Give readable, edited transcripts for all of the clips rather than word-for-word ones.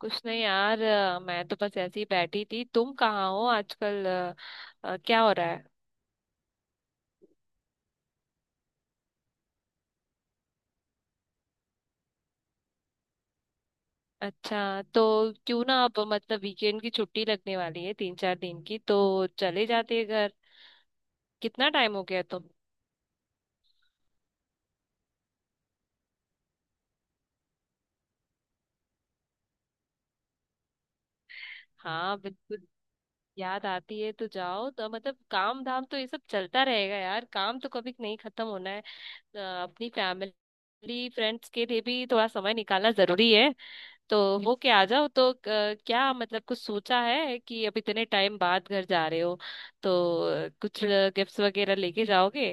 कुछ नहीं यार, मैं तो बस ऐसे ही बैठी थी। तुम कहाँ हो आजकल? क्या हो रहा है? अच्छा, तो क्यों ना अब मतलब वीकेंड की छुट्टी लगने वाली है तीन चार दिन की, तो चले जाते हैं घर। कितना टाइम हो गया तुम। हाँ बिल्कुल। याद आती है तो जाओ तो मतलब काम धाम तो ये सब चलता रहेगा यार। काम तो कभी नहीं खत्म होना है। अपनी फैमिली फ्रेंड्स के लिए भी थोड़ा समय निकालना जरूरी है। तो हो के आ जाओ तो क्या मतलब कुछ सोचा है कि अब इतने टाइम बाद घर जा रहे हो, तो कुछ गिफ्ट्स वगैरह लेके जाओगे?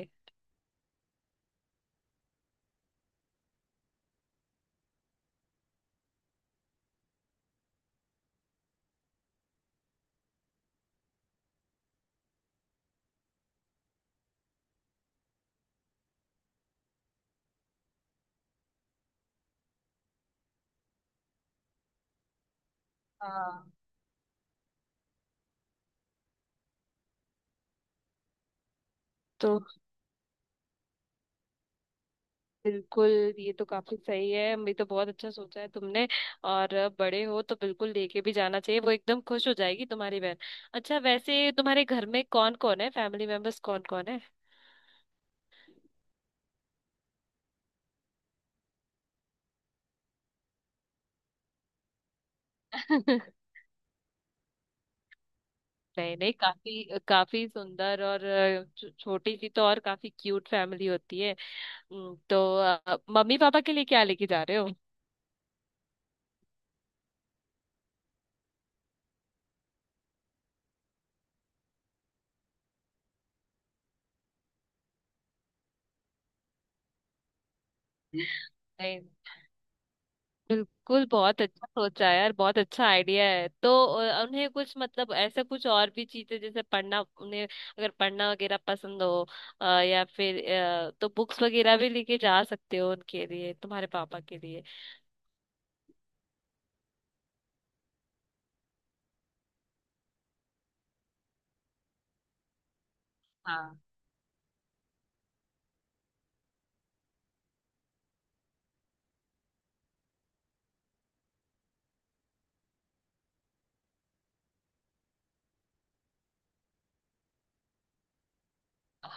हाँ तो बिल्कुल। ये तो काफी सही है, मैं तो बहुत अच्छा सोचा है तुमने। और बड़े हो तो बिल्कुल लेके भी जाना चाहिए। वो एकदम खुश हो जाएगी तुम्हारी बहन। अच्छा, वैसे तुम्हारे घर में कौन कौन है? फैमिली मेंबर्स कौन कौन है? नहीं नहीं, काफी काफी सुंदर और छोटी सी तो और काफी क्यूट फैमिली होती है। तो मम्मी पापा के लिए क्या लेके जा रहे हो? नहीं, बिल्कुल। बहुत अच्छा सोचा है यार, बहुत अच्छा आइडिया है। तो उन्हें कुछ मतलब ऐसा कुछ और भी चीजें जैसे पढ़ना, उन्हें अगर पढ़ना वगैरह पसंद हो, या फिर तो बुक्स वगैरह भी लेके जा सकते हो उनके लिए, तुम्हारे पापा के लिए।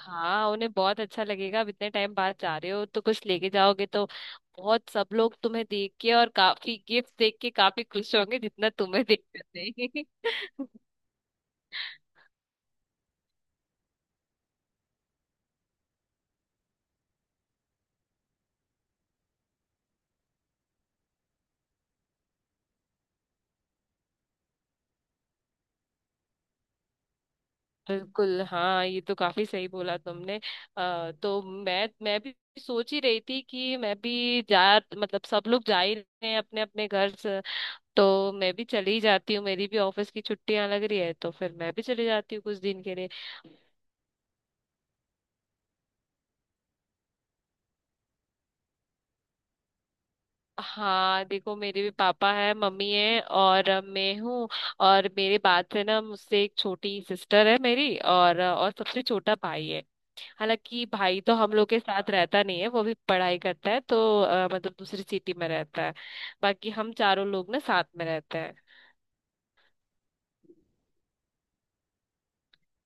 हाँ, उन्हें बहुत अच्छा लगेगा। अब इतने टाइम बाद जा रहे हो तो कुछ लेके जाओगे तो बहुत सब लोग तुम्हें देख के और काफी गिफ्ट देख के काफी खुश होंगे, जितना तुम्हें देख कर थे। बिल्कुल हाँ, ये तो काफी सही बोला तुमने। तो मैं भी सोच ही रही थी कि मैं भी जा मतलब सब लोग जा ही रहे हैं अपने अपने घर से, तो मैं भी चली जाती हूँ। मेरी भी ऑफिस की छुट्टियां लग रही है तो फिर मैं भी चली जाती हूँ कुछ दिन के लिए। हाँ देखो, मेरे भी पापा है, मम्मी है और मैं हूँ। और मेरे बाद से ना, मुझसे एक छोटी सिस्टर है मेरी, और सबसे छोटा भाई है। हालांकि भाई तो हम लोग के साथ रहता नहीं है, वो भी पढ़ाई करता है तो मतलब दूसरी सिटी में रहता है। बाकी हम चारों लोग ना साथ में रहते हैं।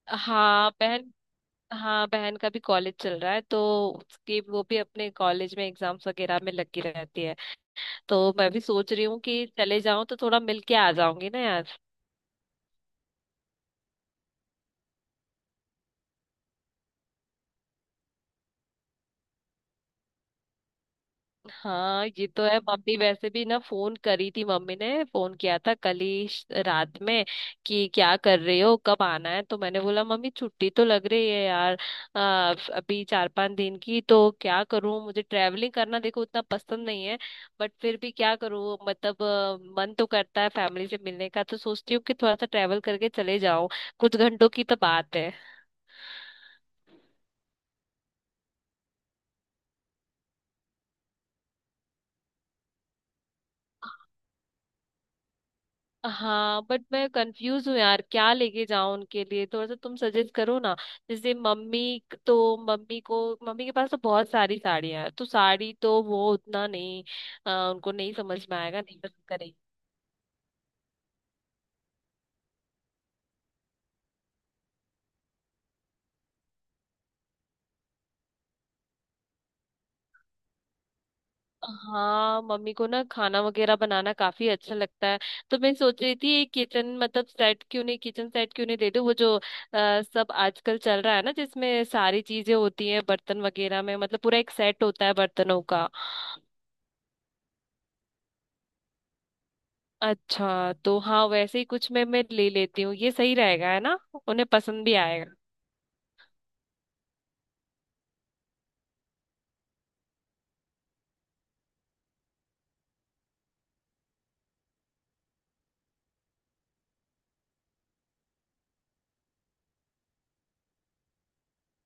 हाँ बहन हाँ, बहन का भी कॉलेज चल रहा है तो उसके वो भी अपने कॉलेज में एग्जाम्स वगैरह में लगी रहती है। तो मैं भी सोच रही हूँ कि चले जाऊं तो थोड़ा मिल के आ जाऊंगी ना यार। हाँ ये तो है। मम्मी वैसे भी ना फोन करी थी, मम्मी ने फोन किया था कल ही रात में कि क्या कर रहे हो, कब आना है। तो मैंने बोला मम्मी छुट्टी तो लग रही है यार। अभी चार पांच दिन की तो क्या करूँ? मुझे ट्रैवलिंग करना देखो उतना पसंद नहीं है। बट फिर भी क्या करूँ, मतलब मन तो करता है फैमिली से मिलने का, तो सोचती हूँ कि थोड़ा सा ट्रैवल करके चले जाऊं, कुछ घंटों की तो बात है। हाँ बट मैं कंफ्यूज हूँ यार, क्या लेके जाऊं उनके लिए? थोड़ा सा तुम सजेस्ट करो ना। जैसे मम्मी, तो मम्मी को, मम्मी के पास तो बहुत सारी साड़ियां हैं तो साड़ी तो वो उतना नहीं, उनको नहीं समझ में आएगा, नहीं पसंद करेगी। हाँ, मम्मी को ना खाना वगैरह बनाना काफी अच्छा लगता है। तो मैं सोच रही थी एक किचन मतलब सेट क्यों नहीं, किचन सेट क्यों नहीं दे दूं, वो जो सब आजकल चल रहा है ना, जिसमें सारी चीजें होती हैं बर्तन वगैरह में, मतलब पूरा एक सेट होता है बर्तनों का। अच्छा तो हाँ, वैसे ही कुछ मैं ले लेती हूँ। ये सही रहेगा है ना, उन्हें पसंद भी आएगा।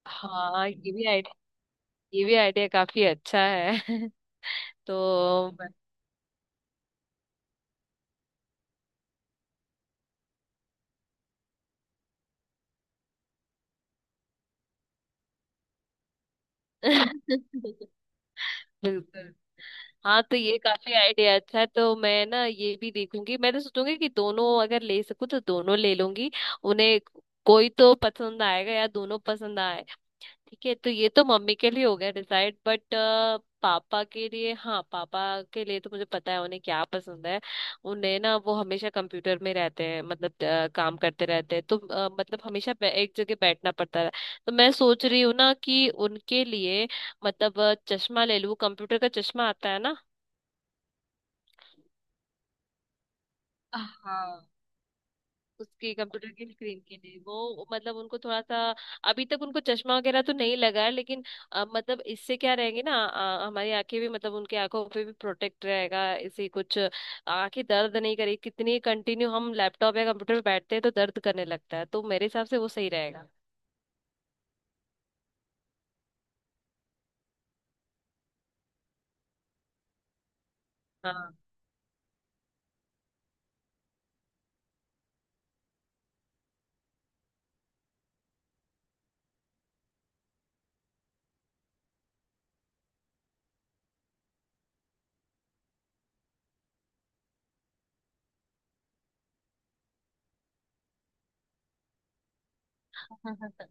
हाँ, ये भी आइडिया काफी अच्छा है। तो बिल्कुल हाँ, तो ये काफी आइडिया अच्छा है। तो मैं ना ये भी देखूंगी, मैं तो सोचूंगी कि दोनों अगर ले सकूँ तो दोनों ले लूंगी उन्हें। कोई तो पसंद आएगा, या दोनों पसंद आए। ठीक है, तो ये तो मम्मी के लिए हो गया डिसाइड। बट पापा के लिए तो मुझे पता है उन्हें क्या पसंद है। उन्हें ना वो हमेशा कंप्यूटर में रहते हैं, मतलब काम करते रहते हैं तो मतलब हमेशा एक जगह बैठना पड़ता है। तो मैं सोच रही हूँ ना कि उनके लिए, मतलब चश्मा ले लूँ, कंप्यूटर का चश्मा आता है ना। हाँ, उसकी कंप्यूटर की स्क्रीन के लिए वो मतलब उनको थोड़ा सा। अभी तक उनको चश्मा वगैरह तो नहीं लगा है, लेकिन मतलब इससे क्या रहेंगे ना, हमारी आंखें भी मतलब उनकी आंखों पे भी प्रोटेक्ट रहेगा इसे कुछ, आंखें दर्द नहीं करेगी। कितनी कंटिन्यू हम लैपटॉप या कंप्यूटर पे बैठते हैं तो दर्द करने लगता है, तो मेरे हिसाब से वो सही रहेगा। हाँ।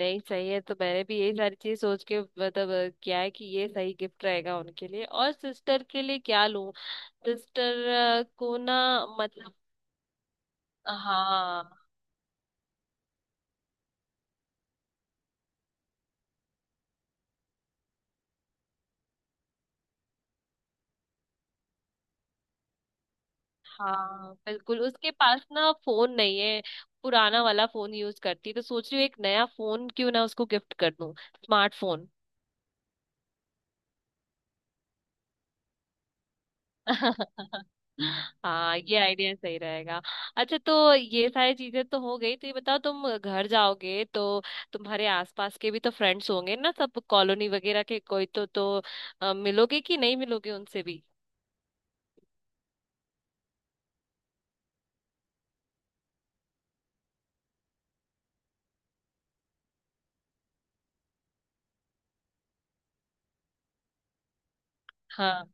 नहीं सही है, तो मैंने भी यही सारी चीज सोच के मतलब किया है कि ये सही गिफ्ट रहेगा उनके लिए। और सिस्टर के लिए क्या लूं? सिस्टर को ना मतलब, हाँ हाँ बिल्कुल, उसके पास ना फोन नहीं है। पुराना वाला फोन यूज करती है, तो सोच रही हूँ एक नया फोन क्यों ना उसको गिफ्ट कर दूं, स्मार्टफोन। हाँ, ये आइडिया सही रहेगा। अच्छा, तो ये सारी चीजें तो हो गई। तो ये बताओ, तुम घर जाओगे तो तुम्हारे आसपास के भी तो फ्रेंड्स होंगे ना, सब कॉलोनी वगैरह के, कोई तो मिलोगे कि नहीं मिलोगे उनसे भी? हाँ।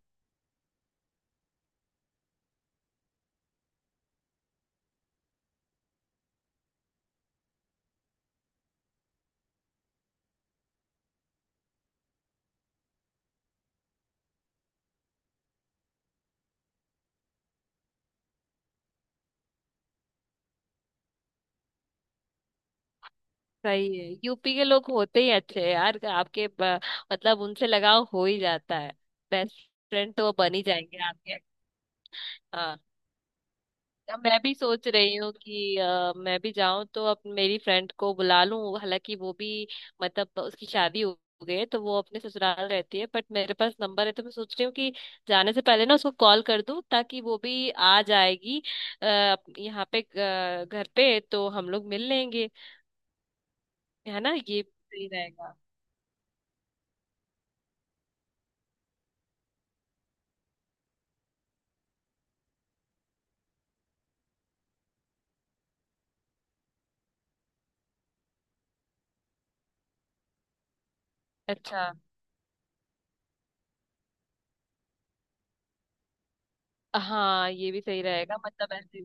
सही है, यूपी के लोग होते ही अच्छे हैं यार। आपके मतलब उनसे लगाव हो ही जाता है। बेस्ट फ्रेंड तो वो बन ही जाएंगे आपके। हाँ, अब मैं भी सोच रही हूँ कि मैं भी जाऊं तो अब मेरी फ्रेंड को बुला लूं। हालांकि वो भी मतलब उसकी शादी हो गई है, तो वो अपने ससुराल रहती है, बट मेरे पास नंबर है। तो मैं सोच रही हूँ कि जाने से पहले ना उसको कॉल कर दूं ताकि वो भी आ जाएगी अ, यहाँ पे घर पे, तो हम लोग मिल लेंगे। है ना, ये सही रहेगा। अच्छा। हाँ ये भी सही रहेगा, मतलब ऐसे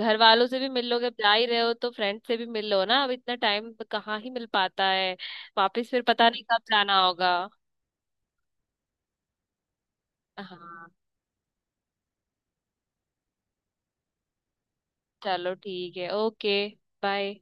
घर वालों से भी मिल लोगे, अब जा ही रहे हो तो फ्रेंड से भी मिल लो ना, अब इतना टाइम कहाँ ही मिल पाता है। वापस फिर पता नहीं कब जाना होगा। हाँ चलो ठीक है, ओके, बाय।